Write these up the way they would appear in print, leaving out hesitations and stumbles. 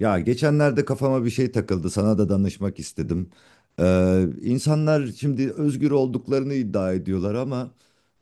Ya geçenlerde kafama bir şey takıldı, sana da danışmak istedim. İnsanlar şimdi özgür olduklarını iddia ediyorlar ama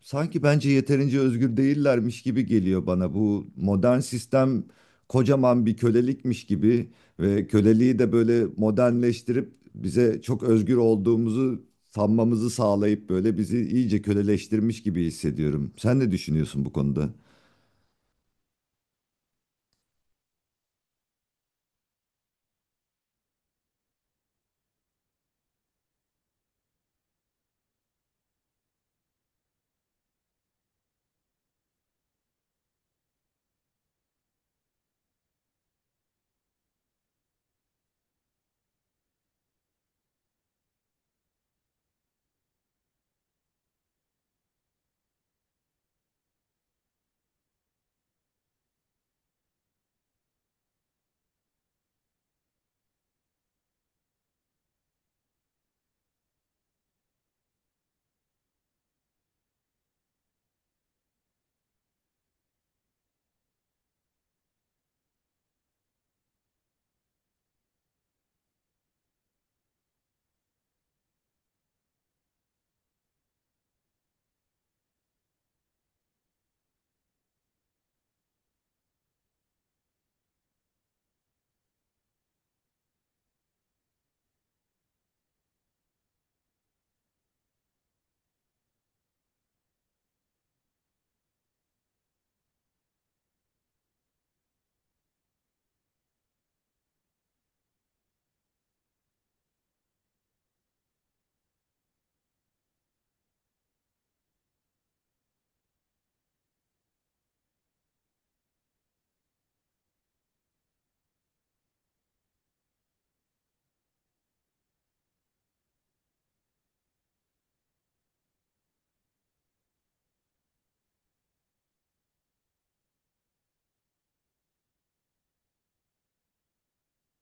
sanki bence yeterince özgür değillermiş gibi geliyor bana. Bu modern sistem kocaman bir kölelikmiş gibi ve köleliği de böyle modernleştirip bize çok özgür olduğumuzu sanmamızı sağlayıp böyle bizi iyice köleleştirmiş gibi hissediyorum. Sen ne düşünüyorsun bu konuda?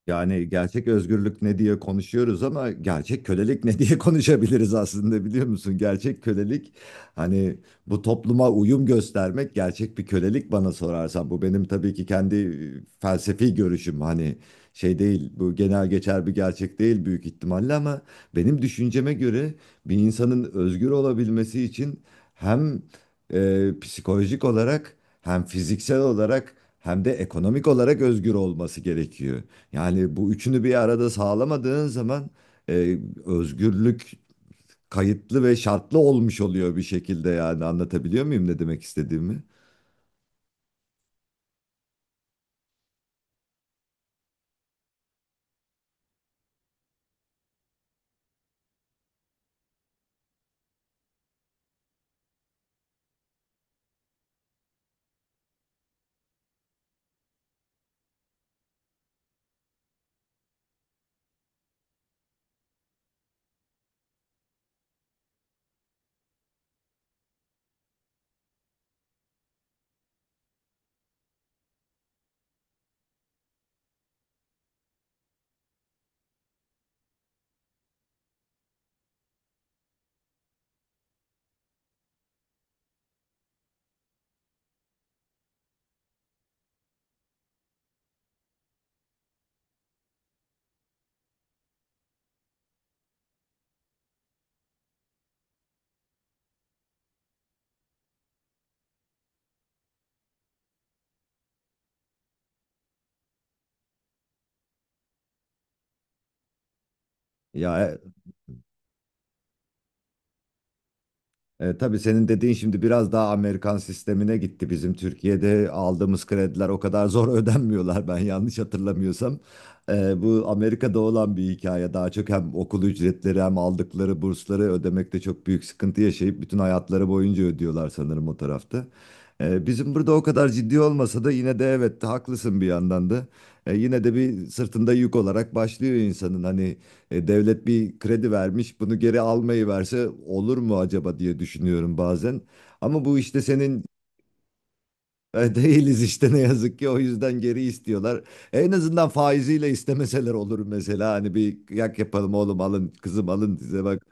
Yani gerçek özgürlük ne diye konuşuyoruz ama gerçek kölelik ne diye konuşabiliriz aslında biliyor musun? Gerçek kölelik hani bu topluma uyum göstermek gerçek bir kölelik bana sorarsan. Bu benim tabii ki kendi felsefi görüşüm, hani şey değil, bu genel geçer bir gerçek değil büyük ihtimalle ama benim düşünceme göre bir insanın özgür olabilmesi için hem psikolojik olarak, hem fiziksel olarak, hem de ekonomik olarak özgür olması gerekiyor. Yani bu üçünü bir arada sağlamadığın zaman e, özgürlük kayıtlı ve şartlı olmuş oluyor bir şekilde, yani anlatabiliyor muyum ne demek istediğimi? Ya tabii senin dediğin şimdi biraz daha Amerikan sistemine gitti. Bizim Türkiye'de aldığımız krediler o kadar zor ödenmiyorlar ben yanlış hatırlamıyorsam. Bu Amerika'da olan bir hikaye. Daha çok hem okul ücretleri hem aldıkları bursları ödemekte çok büyük sıkıntı yaşayıp bütün hayatları boyunca ödüyorlar sanırım o tarafta. Bizim burada o kadar ciddi olmasa da yine de evet, haklısın bir yandan da. Yine de bir sırtında yük olarak başlıyor insanın, hani. Devlet bir kredi vermiş, bunu geri almayı verse olur mu acaba diye düşünüyorum bazen. Ama bu işte senin değiliz işte, ne yazık ki o yüzden geri istiyorlar. En azından faiziyle istemeseler olur mesela, hani bir yak yapalım, oğlum alın, kızım alın size bak.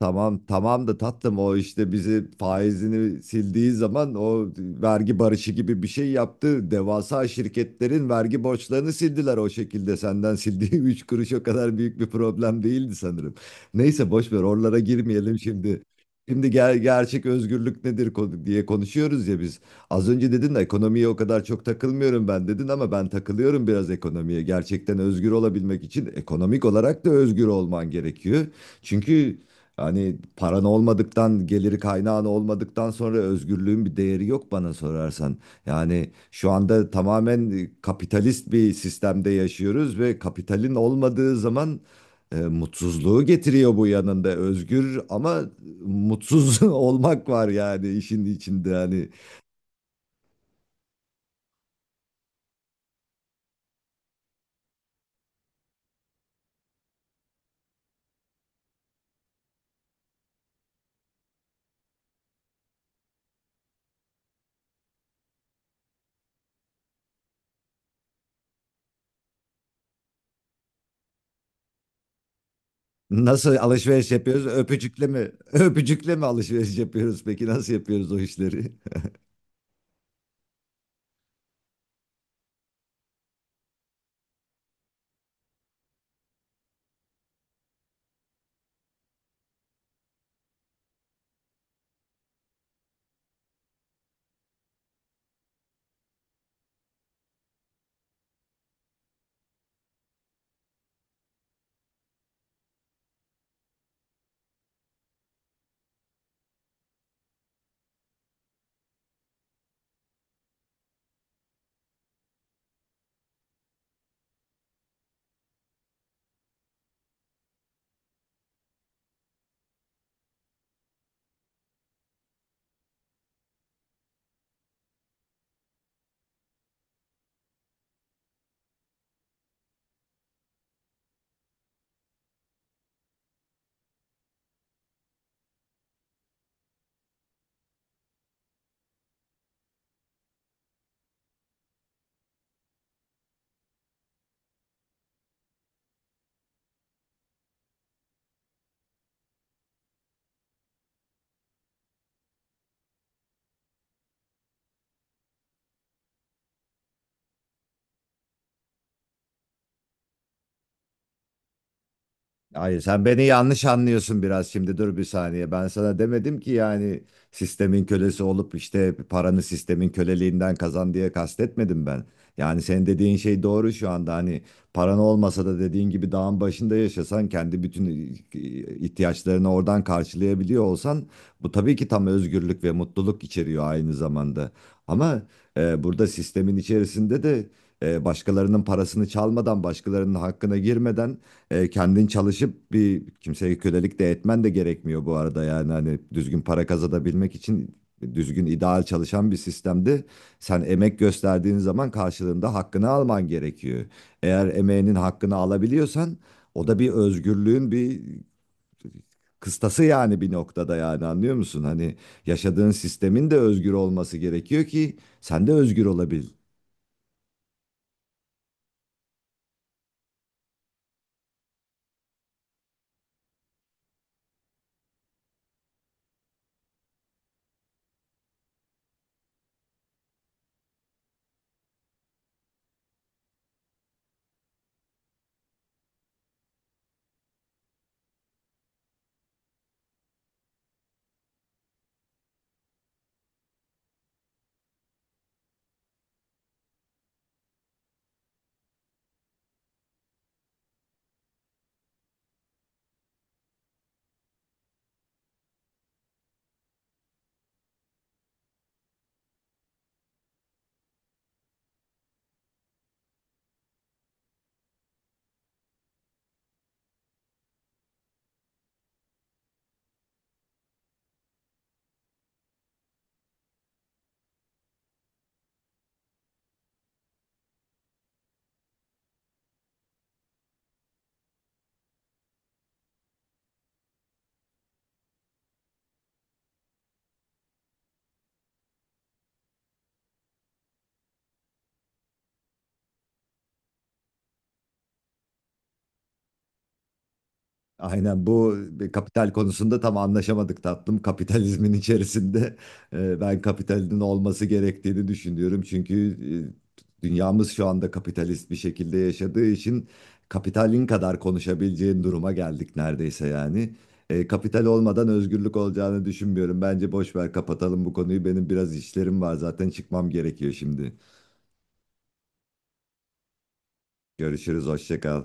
Tamam tamam da tatlım, o işte bizi faizini sildiği zaman o vergi barışı gibi bir şey yaptı. Devasa şirketlerin vergi borçlarını sildiler o şekilde. Senden sildiği 3 kuruş o kadar büyük bir problem değildi sanırım. Neyse, boş ver, oralara girmeyelim şimdi. Şimdi gerçek özgürlük nedir diye konuşuyoruz ya biz. Az önce dedin ekonomiye o kadar çok takılmıyorum ben dedin, ama ben takılıyorum biraz ekonomiye. Gerçekten özgür olabilmek için ekonomik olarak da özgür olman gerekiyor. Çünkü hani paran olmadıktan, geliri kaynağın olmadıktan sonra özgürlüğün bir değeri yok bana sorarsan. Yani şu anda tamamen kapitalist bir sistemde yaşıyoruz ve kapitalin olmadığı zaman mutsuzluğu getiriyor bu yanında. Özgür ama mutsuz olmak var yani işin içinde. Hani nasıl alışveriş yapıyoruz? Öpücükle mi? Öpücükle mi alışveriş yapıyoruz? Peki nasıl yapıyoruz o işleri? Hayır, sen beni yanlış anlıyorsun biraz, şimdi dur bir saniye. Ben sana demedim ki yani sistemin kölesi olup işte paranı sistemin köleliğinden kazan diye kastetmedim ben. Yani senin dediğin şey doğru şu anda, hani paran olmasa da dediğin gibi dağın başında yaşasan kendi bütün ihtiyaçlarını oradan karşılayabiliyor olsan bu tabii ki tam özgürlük ve mutluluk içeriyor aynı zamanda. Ama burada sistemin içerisinde de başkalarının parasını çalmadan, başkalarının hakkına girmeden, kendin çalışıp bir kimseye kölelik de etmen de gerekmiyor bu arada, yani hani düzgün para kazanabilmek için düzgün ideal çalışan bir sistemde sen emek gösterdiğin zaman karşılığında hakkını alman gerekiyor. Eğer emeğinin hakkını alabiliyorsan o da bir özgürlüğün bir kıstası yani, bir noktada, yani anlıyor musun? Hani yaşadığın sistemin de özgür olması gerekiyor ki sen de özgür olabil. Aynen, bu bir kapital konusunda tam anlaşamadık tatlım. Kapitalizmin içerisinde ben kapitalin olması gerektiğini düşünüyorum. Çünkü dünyamız şu anda kapitalist bir şekilde yaşadığı için kapitalin kadar konuşabileceğin duruma geldik neredeyse yani. Kapital olmadan özgürlük olacağını düşünmüyorum. Bence boş ver, kapatalım bu konuyu. Benim biraz işlerim var zaten, çıkmam gerekiyor şimdi. Görüşürüz, hoşça kal.